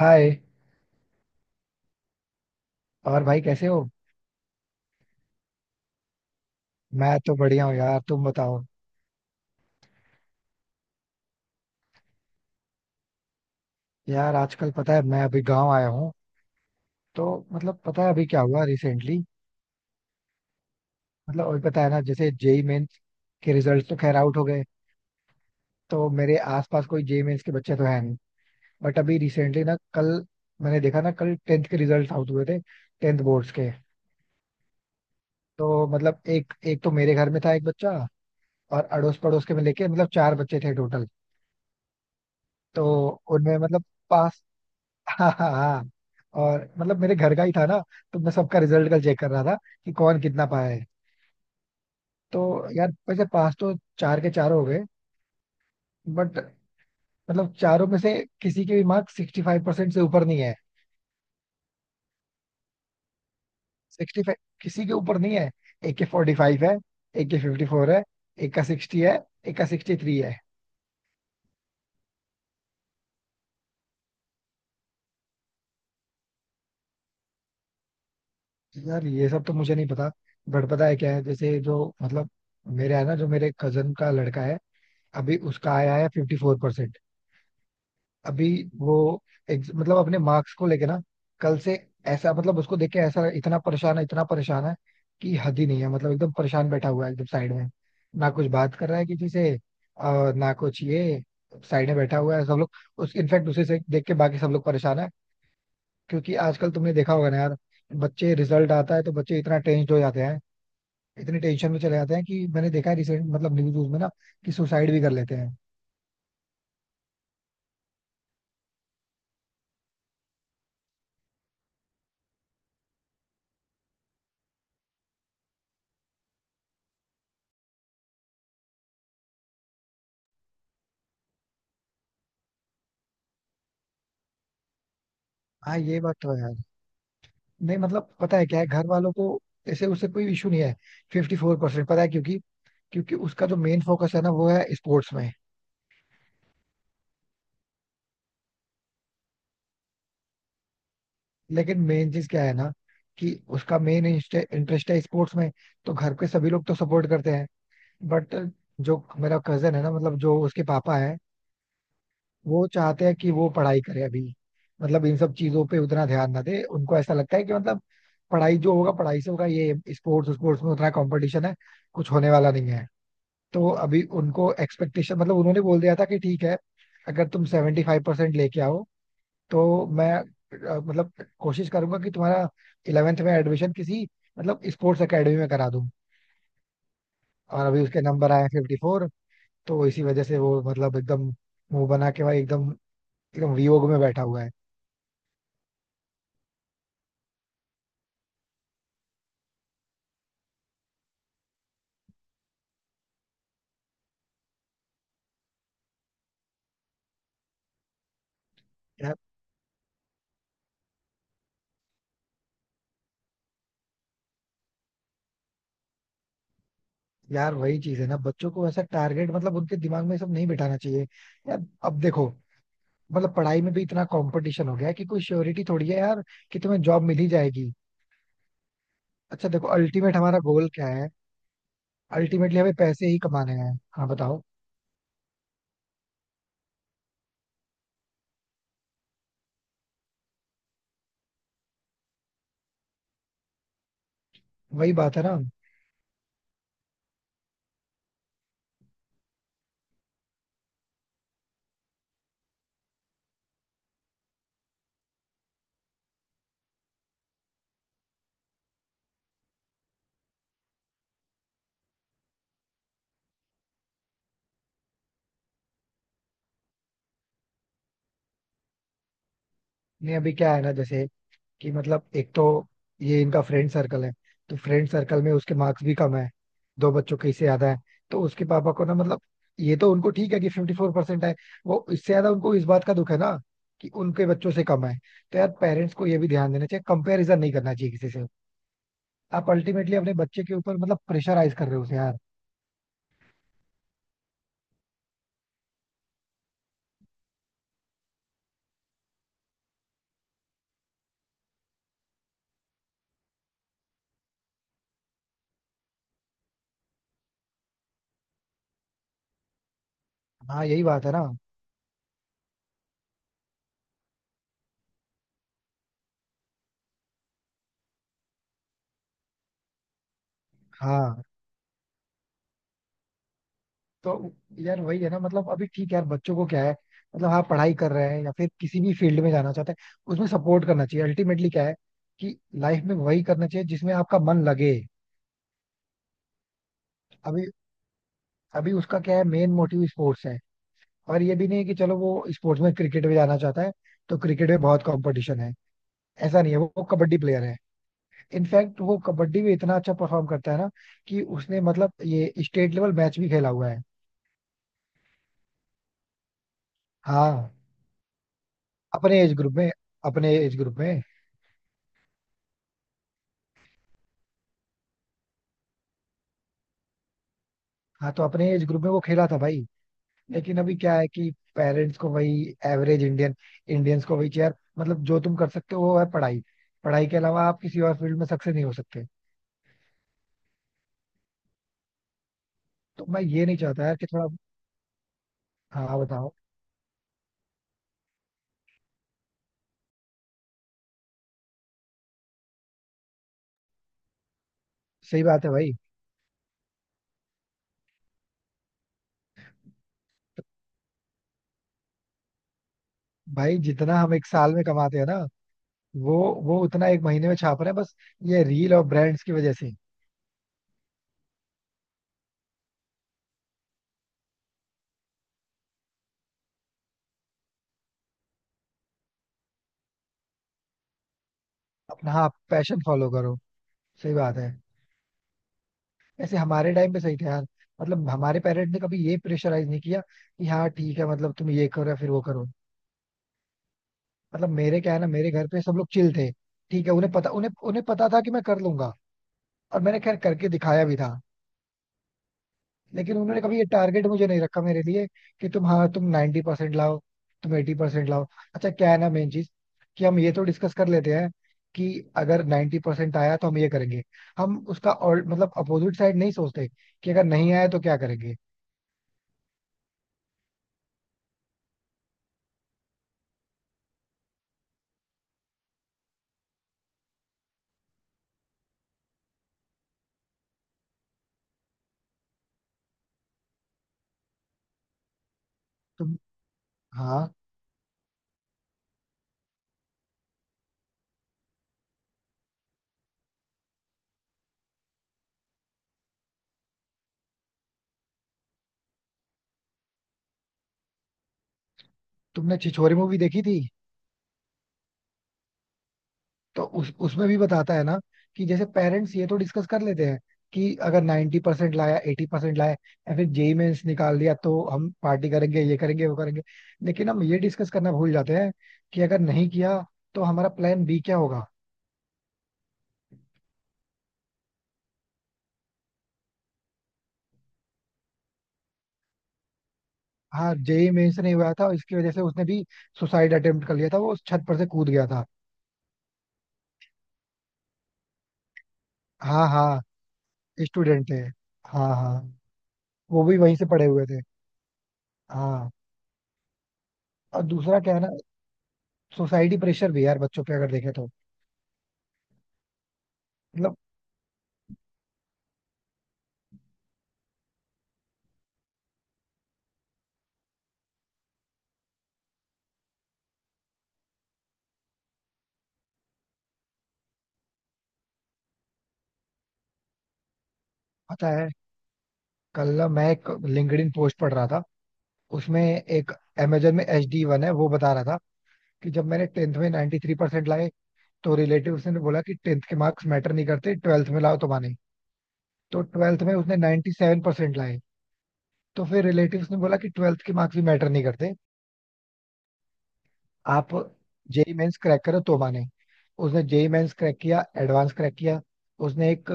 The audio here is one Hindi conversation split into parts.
हाय। और भाई कैसे हो? मैं तो बढ़िया हूँ यार, तुम बताओ। यार आजकल पता है, मैं अभी गांव आया हूँ, तो मतलब पता है अभी क्या हुआ रिसेंटली। मतलब अभी पता है ना, जैसे जेई मेंस के रिजल्ट तो खैर आउट हो गए, तो मेरे आसपास कोई जेई मेंस के बच्चे तो हैं नहीं। बट अभी रिसेंटली ना कल, मैंने देखा ना, कल टेंथ के रिजल्ट आउट हुए थे, टेंथ बोर्ड्स के। तो मतलब एक एक तो मेरे घर में था एक बच्चा, और अड़ोस पड़ोस के में लेके मतलब चार बच्चे थे टोटल। तो उनमें मतलब पास, हाँ हाँ हाँ, और मतलब मेरे घर का ही था ना, तो मैं सबका रिजल्ट कल चेक कर रहा था कि कौन कितना पाया है। तो यार वैसे पास तो चार के चार हो गए, बट मतलब चारों में से किसी के भी मार्क सिक्सटी फाइव परसेंट से ऊपर नहीं है। सिक्सटी फाइव किसी के ऊपर नहीं है। एक के फोर्टी फाइव है, एक के फिफ्टी फोर है, एक का सिक्सटी है, एक का सिक्सटी थ्री है। यार ये सब तो मुझे नहीं पता, बट पता है क्या है, जैसे जो मतलब मेरे है ना, जो मेरे कजन का लड़का है, अभी उसका आया है फिफ्टी फोर परसेंट। अभी वो मतलब अपने मार्क्स को लेके ना, कल से ऐसा, मतलब उसको देख के ऐसा, इतना परेशान है कि हद ही नहीं है। मतलब एकदम परेशान बैठा हुआ है, एकदम साइड में, ना कुछ बात कर रहा है किसी से और ना कुछ ये। साइड में बैठा हुआ है, सब लोग उस इनफैक्ट उसे से देख के बाकी सब लोग परेशान है। क्योंकि आजकल तुमने देखा होगा ना यार, बच्चे, रिजल्ट आता है तो बच्चे इतना टेंस्ड हो जाते हैं, इतनी टेंशन में चले जाते हैं कि मैंने देखा है रिसेंट, मतलब न्यूज में ना, कि सुसाइड भी कर लेते हैं। हाँ ये बात तो है यार। नहीं मतलब पता है क्या है, घर वालों को ऐसे उससे कोई इशू नहीं है फिफ्टी फोर परसेंट, पता है क्योंकि क्योंकि उसका जो मेन फोकस है ना, वो है स्पोर्ट्स में। लेकिन मेन चीज क्या है ना, कि उसका मेन इंटरेस्ट है स्पोर्ट्स में, तो घर के सभी लोग तो सपोर्ट करते हैं। बट जो मेरा कजन है ना, मतलब जो उसके पापा है, वो चाहते हैं कि वो पढ़ाई करे अभी। मतलब इन सब चीजों पे उतना ध्यान ना दे। उनको ऐसा लगता है कि मतलब पढ़ाई, जो होगा पढ़ाई से होगा, ये स्पोर्ट्स, स्पोर्ट्स में उतना कंपटीशन है कुछ होने वाला नहीं है। तो अभी उनको एक्सपेक्टेशन, मतलब उन्होंने बोल दिया था कि ठीक है, अगर तुम सेवेंटी फाइव परसेंट लेके आओ, तो मैं मतलब कोशिश करूंगा कि तुम्हारा इलेवेंथ में एडमिशन किसी मतलब स्पोर्ट्स एकेडमी में करा दूं। और अभी उसके नंबर आए फिफ्टी फोर, तो इसी वजह से वो मतलब एकदम मुंह बना के भाई, एकदम एकदम वियोग में बैठा हुआ है यार। यार वही चीज है ना, बच्चों को ऐसा टारगेट, मतलब उनके दिमाग में ये सब नहीं बिठाना चाहिए। यार अब देखो, मतलब पढ़ाई में भी इतना कंपटीशन हो गया है कि कोई श्योरिटी थोड़ी है यार कि तुम्हें जॉब मिल ही जाएगी। अच्छा देखो, अल्टीमेट हमारा गोल क्या है? अल्टीमेटली हमें पैसे ही कमाने हैं। हाँ बताओ। वही बात है ना। नहीं अभी क्या है ना, जैसे कि मतलब एक तो ये इनका फ्रेंड सर्कल है, तो फ्रेंड सर्कल में उसके मार्क्स भी कम है, दो बच्चों के इससे ज्यादा है। तो उसके पापा को ना मतलब, ये तो उनको ठीक है कि फिफ्टी फोर परसेंट है, वो इससे ज्यादा उनको इस बात का दुख है ना कि उनके बच्चों से कम है। तो यार पेरेंट्स को ये भी ध्यान देना चाहिए, कंपैरिजन नहीं करना चाहिए किसी से। आप अल्टीमेटली अपने बच्चे के ऊपर मतलब प्रेशराइज कर रहे हो उसे यार। हाँ यही बात है ना। हाँ, तो यार वही है ना। मतलब अभी ठीक है यार, बच्चों को क्या है, मतलब हाँ पढ़ाई कर रहे हैं या फिर किसी भी फील्ड में जाना चाहते हैं, उसमें सपोर्ट करना चाहिए। अल्टीमेटली क्या है कि लाइफ में वही करना चाहिए जिसमें आपका मन लगे। अभी, अभी उसका क्या है, मेन मोटिव स्पोर्ट्स है। और ये भी नहीं है कि चलो वो स्पोर्ट्स में क्रिकेट में जाना चाहता है तो क्रिकेट में बहुत कंपटीशन है, ऐसा नहीं है। वो कबड्डी प्लेयर है, इनफैक्ट वो कबड्डी में इतना अच्छा परफॉर्म करता है ना कि उसने मतलब ये स्टेट लेवल मैच भी खेला हुआ है। हाँ, अपने एज ग्रुप में, अपने एज ग्रुप में। हाँ तो अपने एज ग्रुप में वो खेला था भाई। लेकिन अभी क्या है कि पेरेंट्स को वही एवरेज इंडियन, इंडियंस को वही चेयर, मतलब जो तुम कर सकते हो वो है पढ़ाई। पढ़ाई के अलावा आप किसी और फील्ड में सक्सेस नहीं हो सकते। तो मैं ये नहीं चाहता यार कि थोड़ा, हाँ बताओ। सही बात है भाई। भाई जितना हम एक साल में कमाते हैं ना, वो वो उतना एक महीने में छाप रहे हैं बस, ये रील और ब्रांड्स की वजह से। अपना, हाँ, पैशन फॉलो करो, सही बात है। वैसे हमारे टाइम पे सही था यार, मतलब हमारे पेरेंट्स ने कभी ये प्रेशराइज नहीं किया कि हाँ ठीक है, मतलब तुम ये करो या फिर वो करो। मतलब मेरे क्या है ना, मेरे घर पे सब लोग चिल थे। ठीक है, उन्हें पता, उन्हें उन्हें पता था कि मैं कर लूंगा। और मैंने खैर करके दिखाया भी था। लेकिन उन्होंने कभी ये टारगेट मुझे नहीं रखा मेरे लिए कि तुम, हाँ, तुम नाइन्टी परसेंट लाओ, तुम एटी परसेंट लाओ। अच्छा क्या है ना, मेन चीज कि हम ये तो डिस्कस कर लेते हैं कि अगर नाइन्टी परसेंट आया तो हम ये करेंगे। हम उसका और मतलब अपोजिट साइड नहीं सोचते कि अगर नहीं आया तो क्या करेंगे। तुम, हाँ, तुमने छिछोरे मूवी देखी थी? तो उस उसमें भी बताता है ना कि जैसे पेरेंट्स ये तो डिस्कस कर लेते हैं कि अगर 90 परसेंट लाया, 80 परसेंट लाया, या फिर जेई मेंस निकाल लिया, तो हम पार्टी करेंगे, ये करेंगे, वो करेंगे। लेकिन हम ये डिस्कस करना भूल जाते हैं कि अगर नहीं किया तो हमारा प्लान बी क्या होगा। हाँ जेई मेंस नहीं हुआ था, इसकी वजह से उसने भी सुसाइड अटेम्प्ट कर लिया था, वो छत पर से कूद गया था। हाँ हाँ, स्टूडेंट थे। हाँ हाँ, वो भी वहीं से पढ़े हुए थे। हाँ। और दूसरा क्या है ना, सोसाइटी प्रेशर भी है यार बच्चों पे अगर देखे तो, मतलब पता है, कल ना मैं एक लिंक्डइन पोस्ट पढ़ रहा था। उसमें एक अमेजन में एच डी वन है, वो बता रहा था कि जब मैंने टेंथ में 93% लाए, तो रिलेटिव ने बोला कि टेंथ के मार्क्स मैटर नहीं करते, ट्वेल्थ में लाओ तो माने। तो ट्वेल्थ में उसने 97% लाए, तो फिर रिलेटिव्स ने बोला कि ट्वेल्थ के मार्क्स भी मैटर नहीं करते, आप जेई मेंस क्रैक करो तो माने। उसने जेई मेंस क्रैक किया, एडवांस क्रैक किया, उसने एक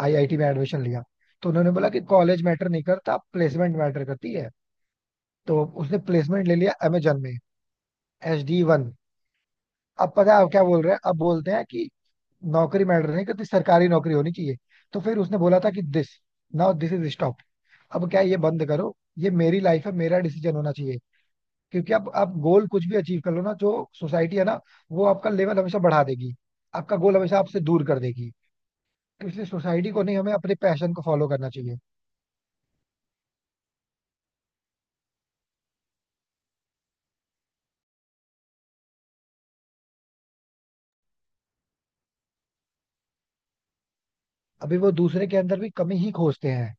आईआईटी में एडमिशन लिया। तो उन्होंने बोला कि कॉलेज मैटर नहीं करता, प्लेसमेंट मैटर करती है। तो उसने प्लेसमेंट ले लिया अमेजन में, एच डी वन। अब पता है अब क्या बोल रहे हैं, अब बोलते हैं कि नौकरी मैटर नहीं करती, सरकारी नौकरी होनी चाहिए। तो फिर उसने बोला था कि this, now this is stop. अब क्या है, ये बंद करो, ये मेरी लाइफ है, मेरा डिसीजन होना चाहिए। क्योंकि अब आप गोल कुछ भी अचीव कर लो ना, जो सोसाइटी है ना, वो आपका लेवल हमेशा बढ़ा देगी, आपका गोल हमेशा आपसे दूर कर देगी। तो इसलिए सोसाइटी को नहीं, हमें अपने पैशन को फॉलो करना चाहिए। अभी वो दूसरे के अंदर भी कमी ही खोजते हैं।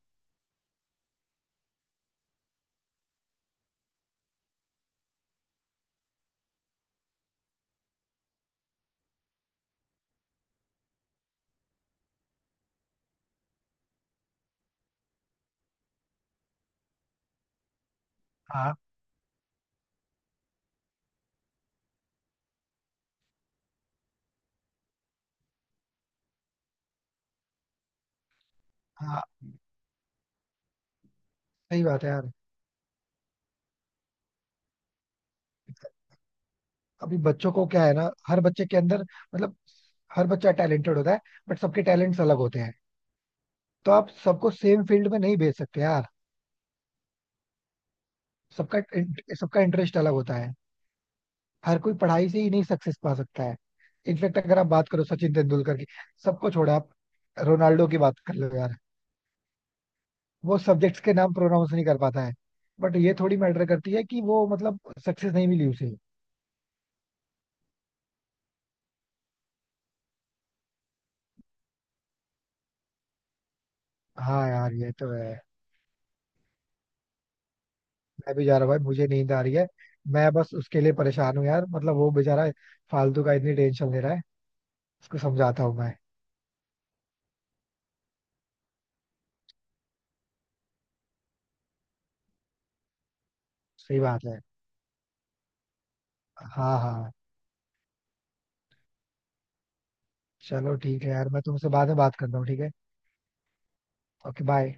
हाँ हाँ, सही बात है यार। अभी बच्चों को क्या है ना, हर बच्चे के अंदर मतलब हर बच्चा टैलेंटेड होता है, बट सबके टैलेंट्स अलग होते हैं। तो आप सबको सेम फील्ड में नहीं भेज सकते यार। सबका, सबका इंटरेस्ट अलग होता है। हर कोई पढ़ाई से ही नहीं सक्सेस पा सकता है। इनफेक्ट अगर आप बात करो सचिन तेंदुलकर की, सबको छोड़ो, आप रोनाल्डो की बात कर लो यार, वो सब्जेक्ट्स के नाम प्रोनाउंस नहीं कर पाता है, बट ये थोड़ी मैटर करती है कि वो मतलब सक्सेस नहीं मिली उसे। हाँ यार ये तो है। मैं भी जा रहा हूँ भाई, मुझे नींद आ रही है। मैं बस उसके लिए परेशान हूँ यार, मतलब वो बेचारा फालतू का इतनी टेंशन ले रहा है। उसको समझाता हूँ मैं। सही बात है। हाँ हाँ, चलो ठीक है यार, मैं तुमसे बाद में बात करता हूँ, ठीक है। Okay bye.